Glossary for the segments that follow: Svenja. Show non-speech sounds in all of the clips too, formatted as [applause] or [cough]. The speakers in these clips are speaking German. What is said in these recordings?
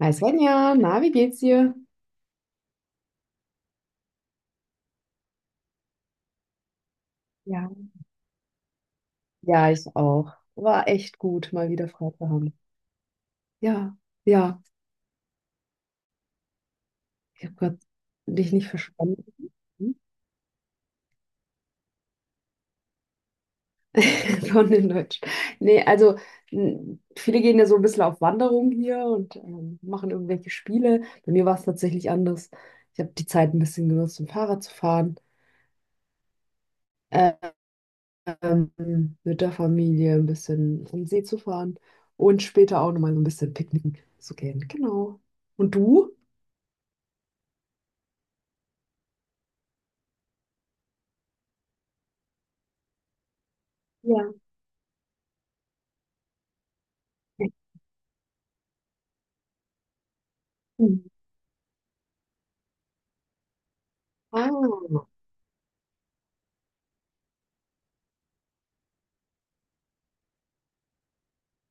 Hi Svenja, na, wie geht's dir? Ja, ja, ich auch. War echt gut, mal wieder frei zu haben. Ja, ja. Ich habe gerade dich nicht verstanden. [laughs] Von den Deutsch. Nee, also viele gehen ja so ein bisschen auf Wanderung hier und machen irgendwelche Spiele. Bei mir war es tatsächlich anders. Ich habe die Zeit ein bisschen genutzt, um Fahrrad zu fahren, äh, ähm, mit der Familie ein bisschen am See zu fahren und später auch nochmal so ein bisschen picknicken zu gehen. Genau. Und du? Ja. Hm. Ah.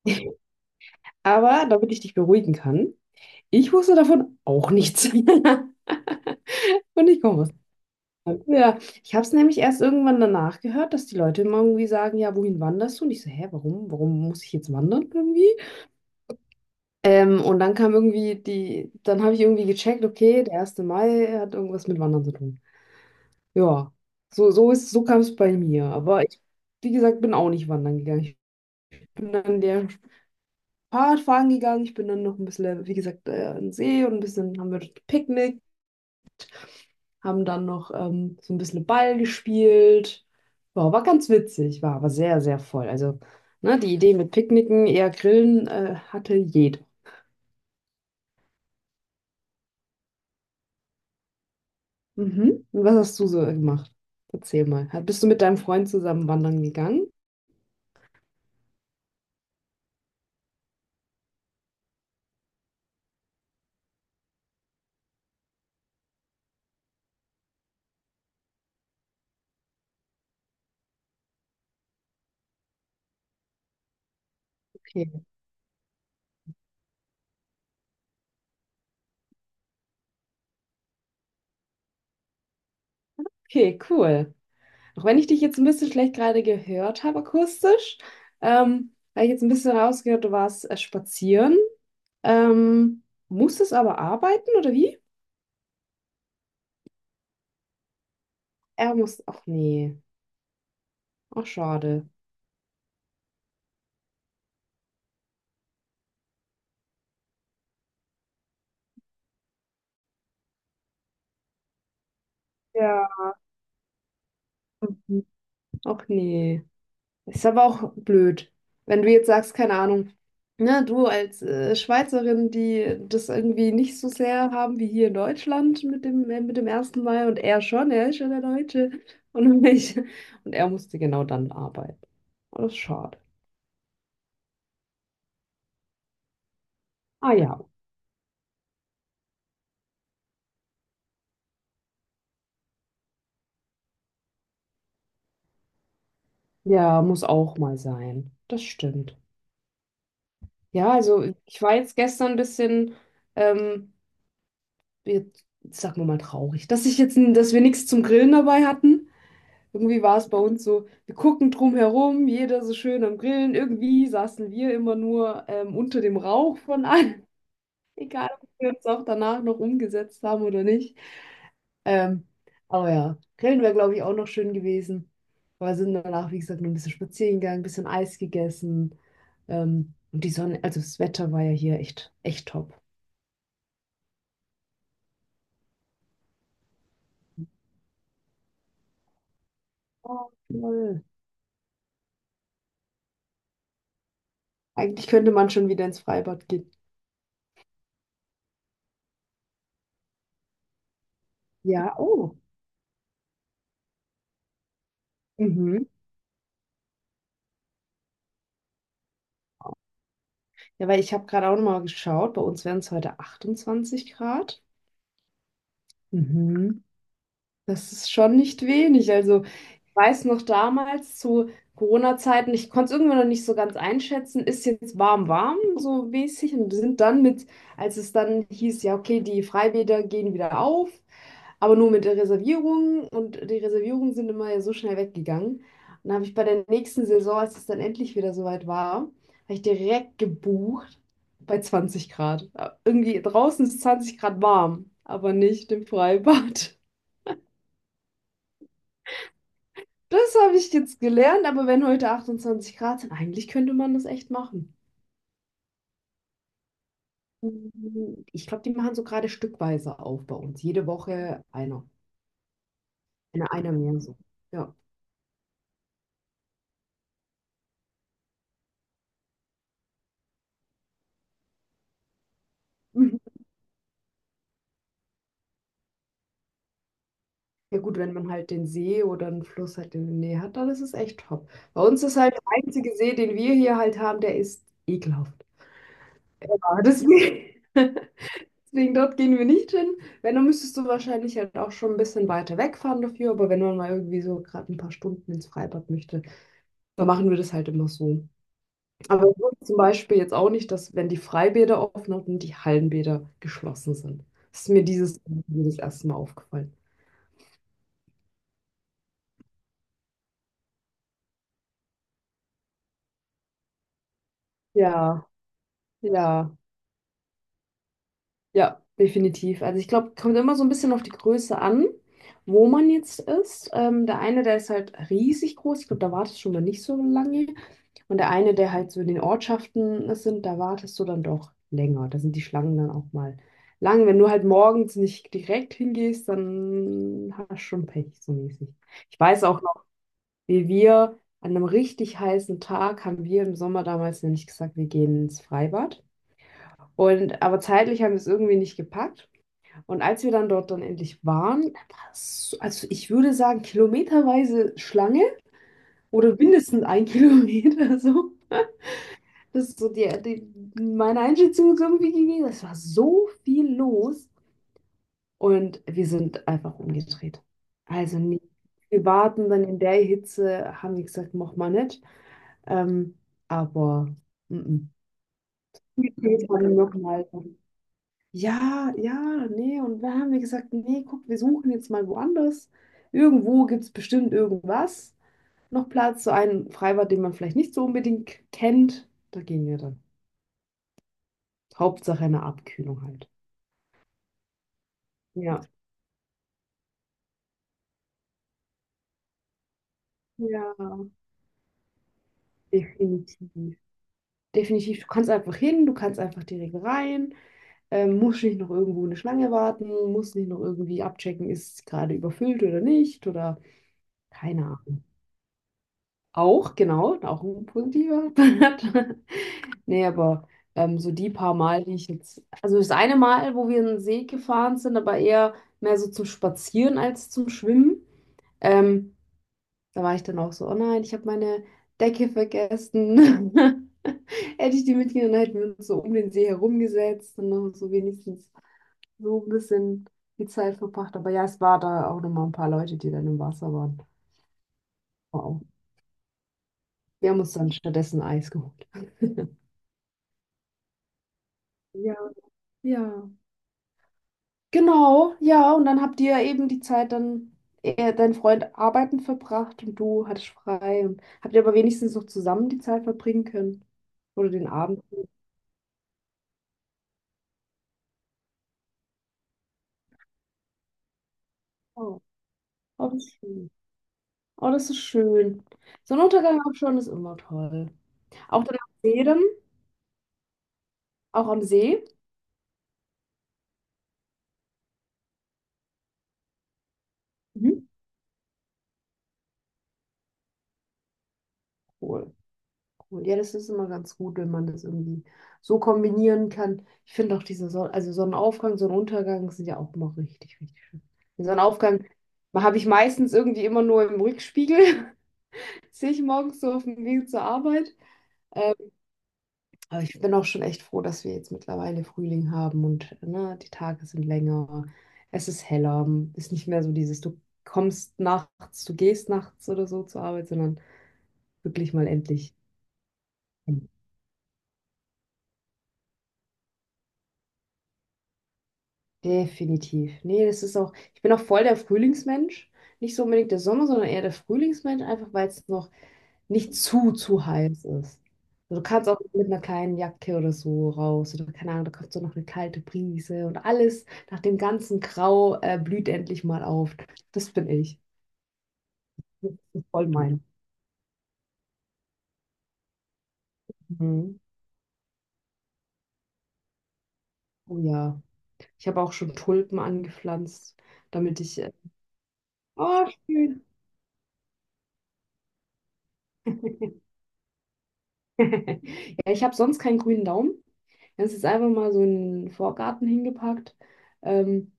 [laughs] Aber damit ich dich beruhigen kann, ich wusste davon auch nichts. [laughs] Und ich komme aus Deutschland. Ja, ich habe es nämlich erst irgendwann danach gehört, dass die Leute immer irgendwie sagen, ja, wohin wanderst du? Und ich so, hä, warum? Warum muss ich jetzt wandern irgendwie? Und dann kam irgendwie die, dann habe ich irgendwie gecheckt, okay, der erste Mai hat irgendwas mit Wandern zu tun. Ja, so kam es bei mir. Aber ich, wie gesagt, bin auch nicht wandern gegangen. Ich bin an der Fahrradfahren gegangen. Ich bin dann noch ein bisschen, wie gesagt, an den See und ein bisschen haben wir dort gepicknickt, haben dann noch so ein bisschen Ball gespielt. Ja, war ganz witzig, war aber sehr, sehr voll. Also, ne, die Idee mit Picknicken, eher Grillen, hatte jeder. Mhm. Und was hast du so gemacht? Erzähl mal. Bist du mit deinem Freund zusammen wandern gegangen? Okay, okay, cool. Auch wenn ich dich jetzt ein bisschen schlecht gerade gehört habe, akustisch, habe ich jetzt ein bisschen rausgehört, du warst spazieren. Ähm, muss es aber arbeiten oder wie? Er muss. Ach nee. Ach schade. Ja. Mhm. Ach nee. Ist aber auch blöd. Wenn du jetzt sagst, keine Ahnung. Na, du als Schweizerin, die das irgendwie nicht so sehr haben wie hier in Deutschland mit mit dem ersten Mal und er schon, er ist ja der Deutsche und [laughs] ich. Und er musste genau dann arbeiten. Oh, das ist schade. Ah ja, ja, muss auch mal sein. Das stimmt. Ja, also ich war jetzt gestern ein bisschen, ähm, jetzt sagen wir mal traurig, dass ich dass wir nichts zum Grillen dabei hatten. Irgendwie war es bei uns so, wir gucken drum herum, jeder so schön am Grillen. Irgendwie saßen wir immer nur unter dem Rauch von allen, [laughs] egal ob wir uns auch danach noch umgesetzt haben oder nicht. Ähm, aber ja, Grillen wäre, glaube ich, auch noch schön gewesen. Aber sind danach, wie gesagt, nur ein bisschen spazieren gegangen, ein bisschen Eis gegessen. Und die Sonne, also das Wetter war ja hier echt, echt top. Oh, toll. Eigentlich könnte man schon wieder ins Freibad gehen. Ja, oh. Mhm. Ja, weil ich habe gerade auch nochmal geschaut, bei uns wären es heute 28 Grad. Mhm. Das ist schon nicht wenig. Also weiß noch damals zu Corona-Zeiten, ich konnte es irgendwie noch nicht so ganz einschätzen, ist jetzt warm, warm, so mäßig. Und wir sind dann mit, als es dann hieß, ja, okay, die Freibäder gehen wieder auf, aber nur mit der Reservierung. Und die Reservierungen sind immer ja so schnell weggegangen. Und dann habe ich bei der nächsten Saison, als es dann endlich wieder soweit war, habe ich direkt gebucht bei 20 Grad. Irgendwie draußen ist 20 Grad warm, aber nicht im Freibad. Das habe ich jetzt gelernt, aber wenn heute 28 Grad sind, eigentlich könnte man das echt machen. Ich glaube, die machen so gerade stückweise auf bei uns. Jede Woche einer. Eine, einer mehr so. Ja. Mhm. Ja gut, wenn man halt den See oder einen Fluss halt in der Nähe hat, dann ist es echt top. Bei uns ist halt der einzige See, den wir hier halt haben, der ist ekelhaft. Ja, deswegen, [laughs] deswegen dort gehen wir nicht hin. Wenn, dann müsstest du wahrscheinlich halt auch schon ein bisschen weiter wegfahren dafür, aber wenn man mal irgendwie so gerade ein paar Stunden ins Freibad möchte, da machen wir das halt immer so. Aber ich wusste zum Beispiel jetzt auch nicht, dass, wenn die Freibäder offen hatten, die Hallenbäder geschlossen sind. Das ist mir dieses erste Mal aufgefallen. Ja, ja. Ja, definitiv. Also ich glaube, kommt immer so ein bisschen auf die Größe an, wo man jetzt ist. Der eine, der ist halt riesig groß. Ich glaube, da wartest du schon mal nicht so lange. Und der eine, der halt so in den Ortschaften sind, da wartest du dann doch länger. Da sind die Schlangen dann auch mal lang. Wenn du halt morgens nicht direkt hingehst, dann hast du schon Pech, so mäßig. Ich weiß auch noch, wie wir an einem richtig heißen Tag haben wir im Sommer damals nämlich gesagt, wir gehen ins Freibad. Und aber zeitlich haben wir es irgendwie nicht gepackt. Und als wir dann dort dann endlich waren, war es so- also ich würde sagen, kilometerweise Schlange oder mindestens ein [laughs] Kilometer so. Das ist so die meine Einschätzung ist irgendwie gewesen. Es war so viel los und wir sind einfach umgedreht. Also nicht. Wir warten dann in der Hitze, haben wir gesagt, mach mal nicht. Ähm, aber mm, mm. Wir haben nochmal. Ja, ja, nee, und dann haben wir gesagt, nee, guck, wir suchen jetzt mal woanders. Irgendwo gibt es bestimmt irgendwas noch Platz, so ein Freibad, den man vielleicht nicht so unbedingt kennt. Da gehen wir dann. Hauptsache eine Abkühlung halt. Ja. Ja, definitiv. Definitiv. Du kannst einfach hin, du kannst einfach direkt rein, musst nicht noch irgendwo eine Schlange warten, musst nicht noch irgendwie abchecken, ist es gerade überfüllt oder nicht oder keine Ahnung. Auch, genau, auch ein positiver [laughs] Part. Nee, aber so die paar Mal, die ich jetzt. Also das eine Mal, wo wir in den See gefahren sind, aber eher mehr so zum Spazieren als zum Schwimmen. Ähm, da war ich dann auch so, oh nein, ich habe meine Decke vergessen. [laughs] Hätte ich die mitgenommen, dann hätten wir uns so um den See herumgesetzt und noch so wenigstens so ein bisschen die Zeit verbracht. Aber ja, es war da auch nochmal ein paar Leute, die dann im Wasser waren. Wow. Wir haben uns dann stattdessen Eis geholt. Ja, ja. Genau, ja, und dann habt ihr eben die Zeit dein Freund arbeiten verbracht und du hattest frei und habt ihr aber wenigstens noch zusammen die Zeit verbringen können. Oder den Abend. Oh, oh, das ist schön. Oh, das ist schön. So ein Untergang am Schauen ist immer toll. Auch dann am See dann, auch am See. Mhm. Cool. Cool. Ja, das ist immer ganz gut, wenn man das irgendwie so kombinieren kann. Ich finde auch diese Sonne, also Sonnenaufgang, Sonnenuntergang sind ja auch immer richtig, richtig schön. Den Sonnenaufgang habe ich meistens irgendwie immer nur im Rückspiegel, [laughs] sehe ich morgens so auf dem Weg zur Arbeit. Aber ich bin auch schon echt froh, dass wir jetzt mittlerweile Frühling haben und ne, die Tage sind länger, es ist heller, ist nicht mehr so dieses, du kommst nachts, du gehst nachts oder so zur Arbeit, sondern wirklich mal endlich. Definitiv. Nee, das ist auch, ich bin auch voll der Frühlingsmensch. Nicht so unbedingt der Sommer, sondern eher der Frühlingsmensch, einfach weil es noch nicht zu heiß ist. Also du kannst auch mit einer kleinen Jacke oder so raus oder keine Ahnung, da kommt so noch eine kalte Brise und alles nach dem ganzen Grau blüht endlich mal auf. Das bin ich. Das ist voll mein. Mhm. Oh ja. Ich habe auch schon Tulpen angepflanzt, damit ich. Oh, schön. [laughs] Ja, ich habe sonst keinen grünen Daumen. Es ist einfach mal so in Vorgarten hingepackt. Ähm,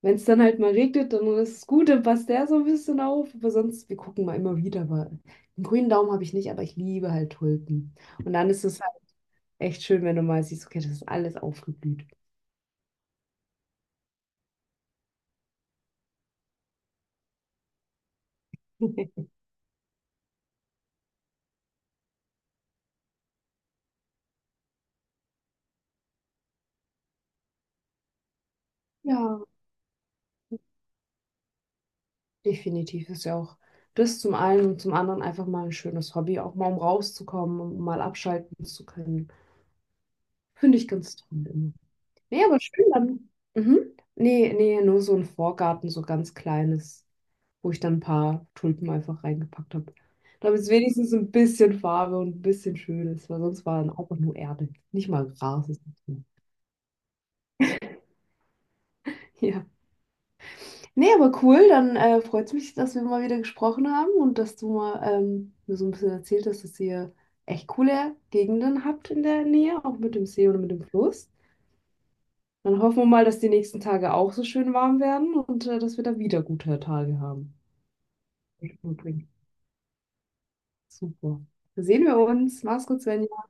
wenn es dann halt mal regnet, dann ist es gut, dann passt der so ein bisschen auf. Aber sonst, wir gucken mal immer wieder. Aber einen grünen Daumen habe ich nicht, aber ich liebe halt Tulpen. Und dann ist es halt echt schön, wenn du mal siehst, okay, das ist alles aufgeblüht. [laughs] Ja, definitiv ist ja auch das zum einen und zum anderen einfach mal ein schönes Hobby, auch mal um rauszukommen und mal abschalten zu können. Finde ich ganz toll. Immer. Nee, aber schön dann. Mhm. Nee, nee, nur so ein Vorgarten, so ganz kleines, wo ich dann ein paar Tulpen einfach reingepackt habe. Damit es wenigstens ein bisschen Farbe und ein bisschen schön ist, weil sonst war dann auch nur Erde. Nicht mal Gras. Ist nicht drin. [laughs] ja. Nee, aber cool, dann freut es mich, dass wir mal wieder gesprochen haben und dass du mal mir so ein bisschen erzählt hast, dass ihr echt coole Gegenden habt in der Nähe, auch mit dem See oder mit dem Fluss. Dann hoffen wir mal, dass die nächsten Tage auch so schön warm werden und dass wir da wieder gute Tage haben. Super. Dann sehen wir uns. Mach's gut, Svenja.